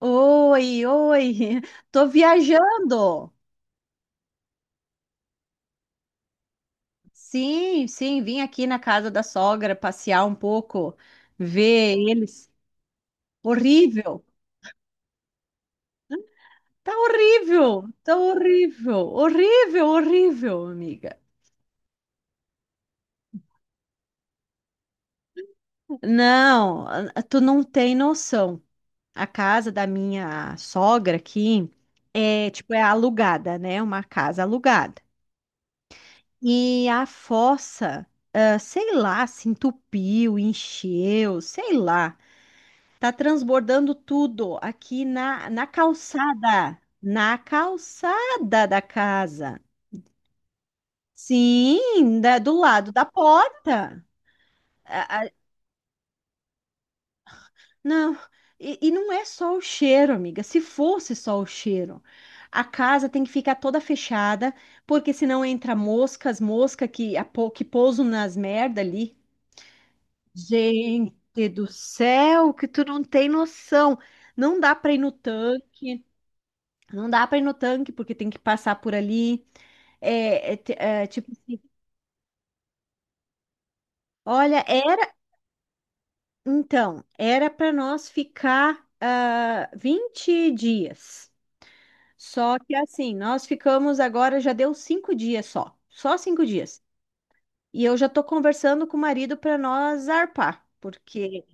Oi, oi, tô viajando. Sim, sim, vim aqui na casa da sogra passear um pouco, ver eles. Horrível, tá horrível, tá horrível, horrível, horrível, amiga. Não, ah, tu não tem noção. A casa da minha sogra aqui é tipo é alugada, né? Uma casa alugada. E a fossa, sei lá, se entupiu, encheu, sei lá. Tá transbordando tudo aqui na calçada, na calçada da casa. Sim, do lado da porta. A- a- não, e não é só o cheiro, amiga. Se fosse só o cheiro, a casa tem que ficar toda fechada, porque senão entra moscas, mosca que, que pousam nas merda ali. Gente do céu, que tu não tem noção. Não dá para ir no tanque. Não dá para ir no tanque porque tem que passar por ali. É, tipo assim, olha, era para nós ficar 20 dias. Só que assim, nós ficamos agora, já deu 5 dias só, só 5 dias. E eu já tô conversando com o marido para nós zarpar, porque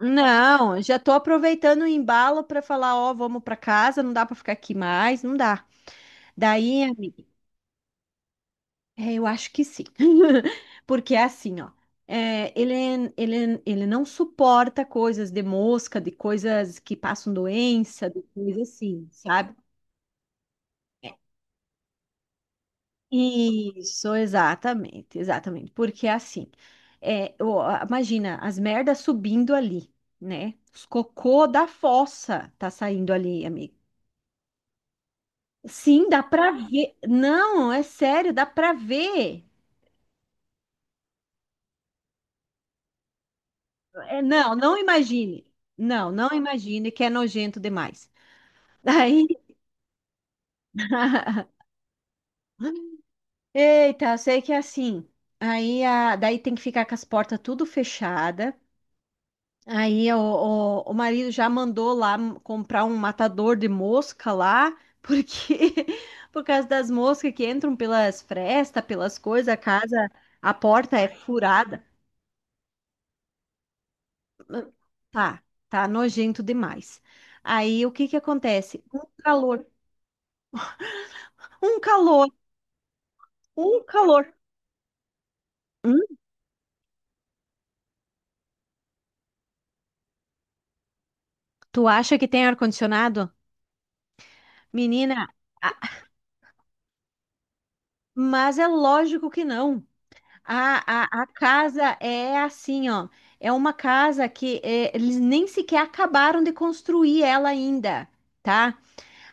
não, já tô aproveitando o embalo para falar, ó, vamos para casa, não dá para ficar aqui mais, não dá. Daí é, eu acho que sim. Porque é assim, ó. Ele não suporta coisas de mosca, de coisas que passam doença, de coisa assim, sabe? Isso, exatamente, exatamente. Porque é assim, imagina as merdas subindo ali, né? Os cocô da fossa tá saindo ali, amigo. Sim, dá pra ver. Não, é sério, dá pra ver. É, não, não imagine. Não, não imagine que é nojento demais. Aí, eita, eu sei que é assim. Aí, daí tem que ficar com as portas tudo fechada. Aí o marido já mandou lá comprar um matador de mosca lá, porque por causa das moscas que entram pelas frestas, pelas coisas, a casa, a porta é furada. Tá, tá nojento demais. Aí o que que acontece? Um calor, um calor, um calor. Hum? Tu acha que tem ar-condicionado? Menina, a- mas é lógico que não. A, a casa é assim, ó. É uma casa que eles nem sequer acabaram de construir ela ainda, tá?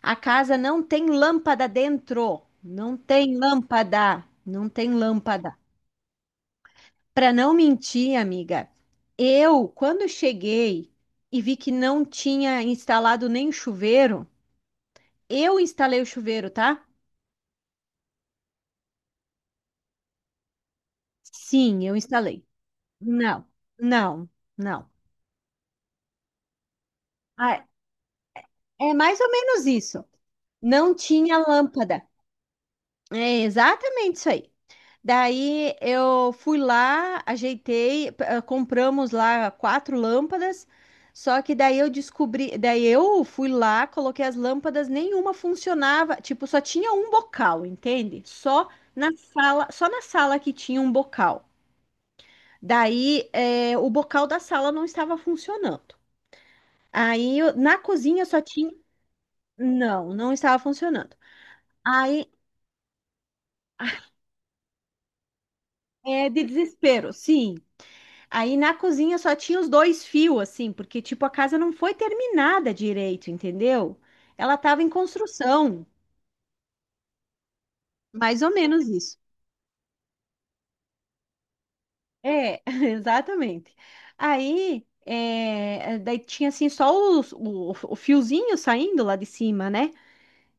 A casa não tem lâmpada dentro. Não tem lâmpada. Não tem lâmpada. Para não mentir, amiga, eu, quando cheguei e vi que não tinha instalado nem chuveiro, eu instalei o chuveiro, tá? Sim, eu instalei. Não, não, não. Ah, é mais ou menos isso. Não tinha lâmpada. É exatamente isso aí. Daí eu fui lá, ajeitei, compramos lá 4 lâmpadas. Só que daí eu descobri, daí eu fui lá, coloquei as lâmpadas, nenhuma funcionava, tipo, só tinha um bocal, entende? Só na sala que tinha um bocal. Daí o bocal da sala não estava funcionando. Na cozinha só tinha. Não, não estava funcionando. Aí é de desespero, sim. Aí na cozinha só tinha os dois fios, assim, porque tipo a casa não foi terminada direito, entendeu? Ela estava em construção, mais ou menos isso. É, exatamente. Aí daí tinha assim só o fiozinho saindo lá de cima, né?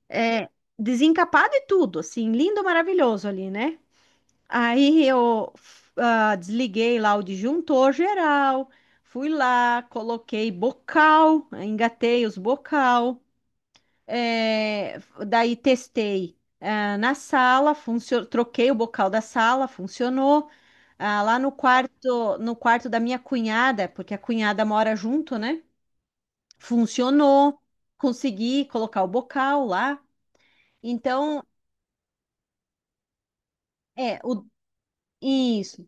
É, desencapado e tudo, assim, lindo, maravilhoso ali, né? Aí eu desliguei lá o disjuntor geral, fui lá, coloquei bocal, engatei os bocal, eh, daí testei na sala, troquei o bocal da sala, funcionou. Ah, lá no quarto da minha cunhada, porque a cunhada mora junto, né? Funcionou, consegui colocar o bocal lá. Então, é, o, isso.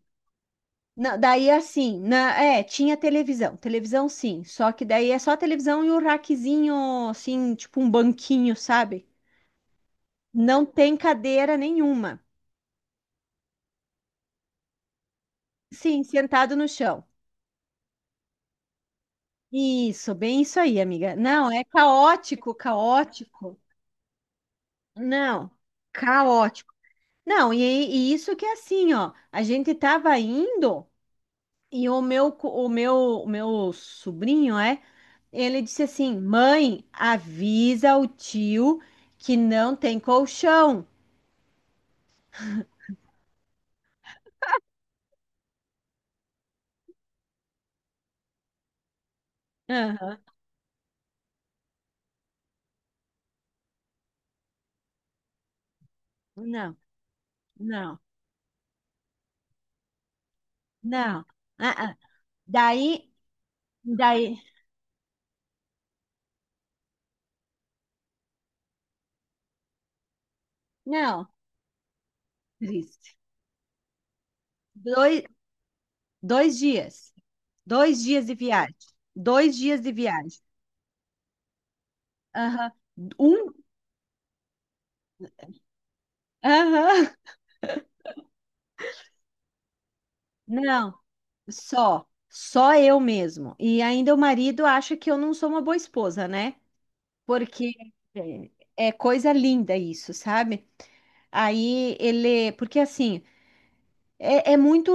Não, daí assim, tinha televisão, televisão sim, só que daí é só a televisão e o raquezinho, assim, tipo um banquinho, sabe? Não tem cadeira nenhuma. Sim, sentado no chão. Isso, bem isso aí, amiga. Não, é caótico, caótico. Não, caótico. Não, e isso que é assim, ó, a gente tava indo e o meu, o meu sobrinho, ele disse assim: Mãe, avisa o tio que não tem colchão. Aham. Não, não, não. Ah, ah. Daí, daí, não, triste. Dois, dois dias. Dois dias de viagem. Dois dias de viagem. Aham. Um, aham. Não, só. Só eu mesmo. E ainda o marido acha que eu não sou uma boa esposa, né? Porque é é coisa linda isso, sabe? Aí ele, porque assim, é muito,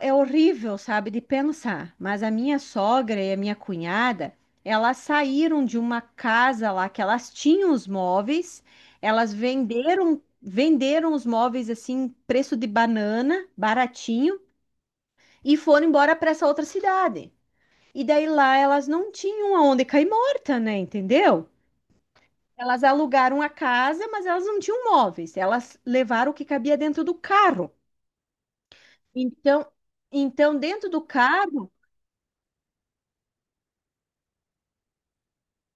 é horrível, sabe, de pensar. Mas a minha sogra e a minha cunhada, elas saíram de uma casa lá que elas tinham os móveis, elas venderam, venderam os móveis assim, preço de banana, baratinho, e foram embora para essa outra cidade. E daí lá elas não tinham aonde cair morta, né? Entendeu? Elas alugaram a casa, mas elas não tinham móveis. Elas levaram o que cabia dentro do carro. Então, então, dentro do carro,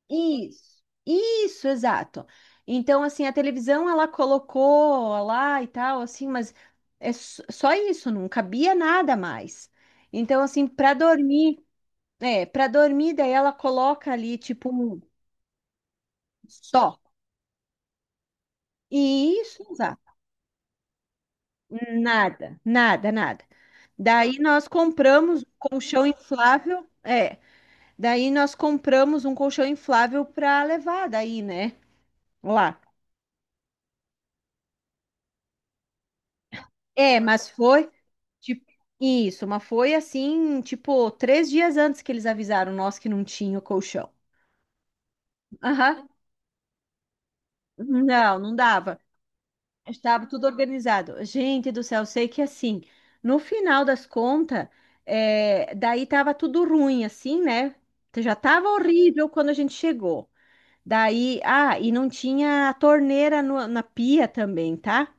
isso, exato. Então, assim, a televisão ela colocou lá e tal, assim, mas é só isso, não cabia nada mais. Então, assim, para dormir, para dormir, daí ela coloca ali, tipo, um só. E isso, exato. Nada, nada, nada. Daí nós compramos um colchão inflável, é. Daí nós compramos um colchão inflável para levar daí, né? Lá. É, mas foi tipo isso, mas foi assim, tipo, 3 dias antes que eles avisaram nós que não tinha o colchão. Aham. Não, não dava. Estava tudo organizado. Gente do céu, eu sei que assim, no final das contas, daí tava tudo ruim, assim, né? Já tava horrível quando a gente chegou. Daí, e não tinha a torneira na pia também, tá?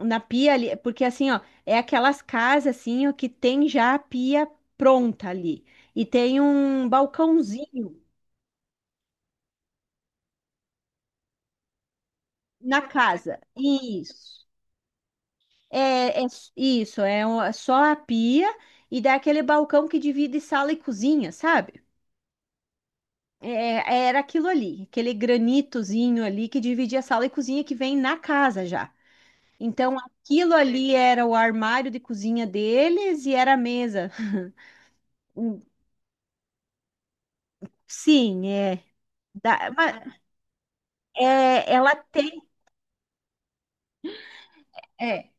Na pia ali, porque assim, ó, é aquelas casas assim, ó, que tem já a pia pronta ali. E tem um balcãozinho na casa. Isso. É, isso, é só a pia e dá aquele balcão que divide sala e cozinha, sabe? É, era aquilo ali, aquele granitozinho ali que dividia sala e cozinha que vem na casa já. Então, aquilo ali era o armário de cozinha deles e era a mesa. Sim, é. Dá, É, ela tem, é,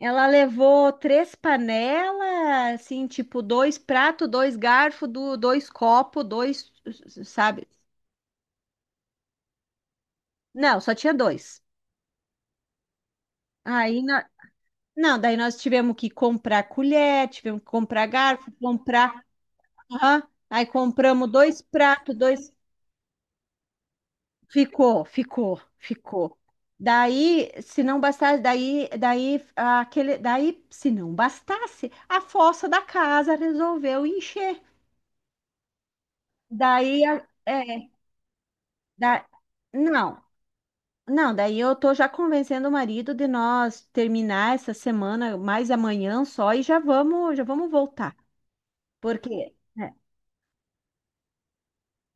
ela levou 3 panelas, assim, tipo, dois pratos, dois garfos, dois copos, dois, sabe? Não, só tinha dois. Aí, não, daí nós tivemos que comprar colher, tivemos que comprar garfo, comprar, aham. Aí compramos dois pratos, dois, ficou, ficou, ficou. Daí, se não bastasse, se não bastasse, a fossa da casa resolveu encher. Daí, da, não, não, daí eu tô já convencendo o marido de nós terminar essa semana, mais amanhã só, e já vamos voltar. Porque,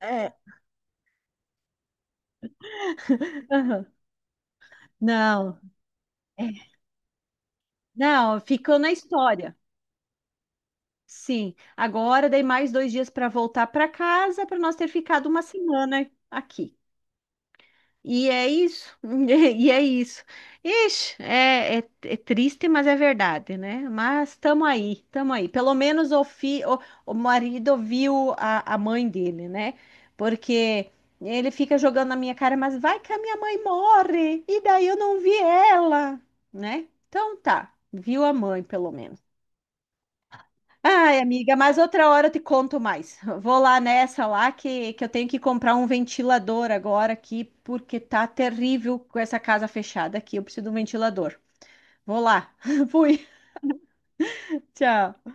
é, aham, não, é, não, ficou na história. Sim, agora dei mais 2 dias para voltar para casa, para nós ter ficado uma semana aqui. E é isso, e é isso. Ixi, é triste, mas é verdade, né? Mas tamo aí, tamo aí. Pelo menos o marido viu a mãe dele, né? Porque ele fica jogando na minha cara, mas vai que a minha mãe morre, e daí eu não vi ela, né? Então tá, viu a mãe, pelo menos. Ai, amiga, mas outra hora eu te conto mais. Vou lá nessa lá que eu tenho que comprar um ventilador agora aqui, porque tá terrível com essa casa fechada aqui. Eu preciso de um ventilador. Vou lá. Fui. Tchau.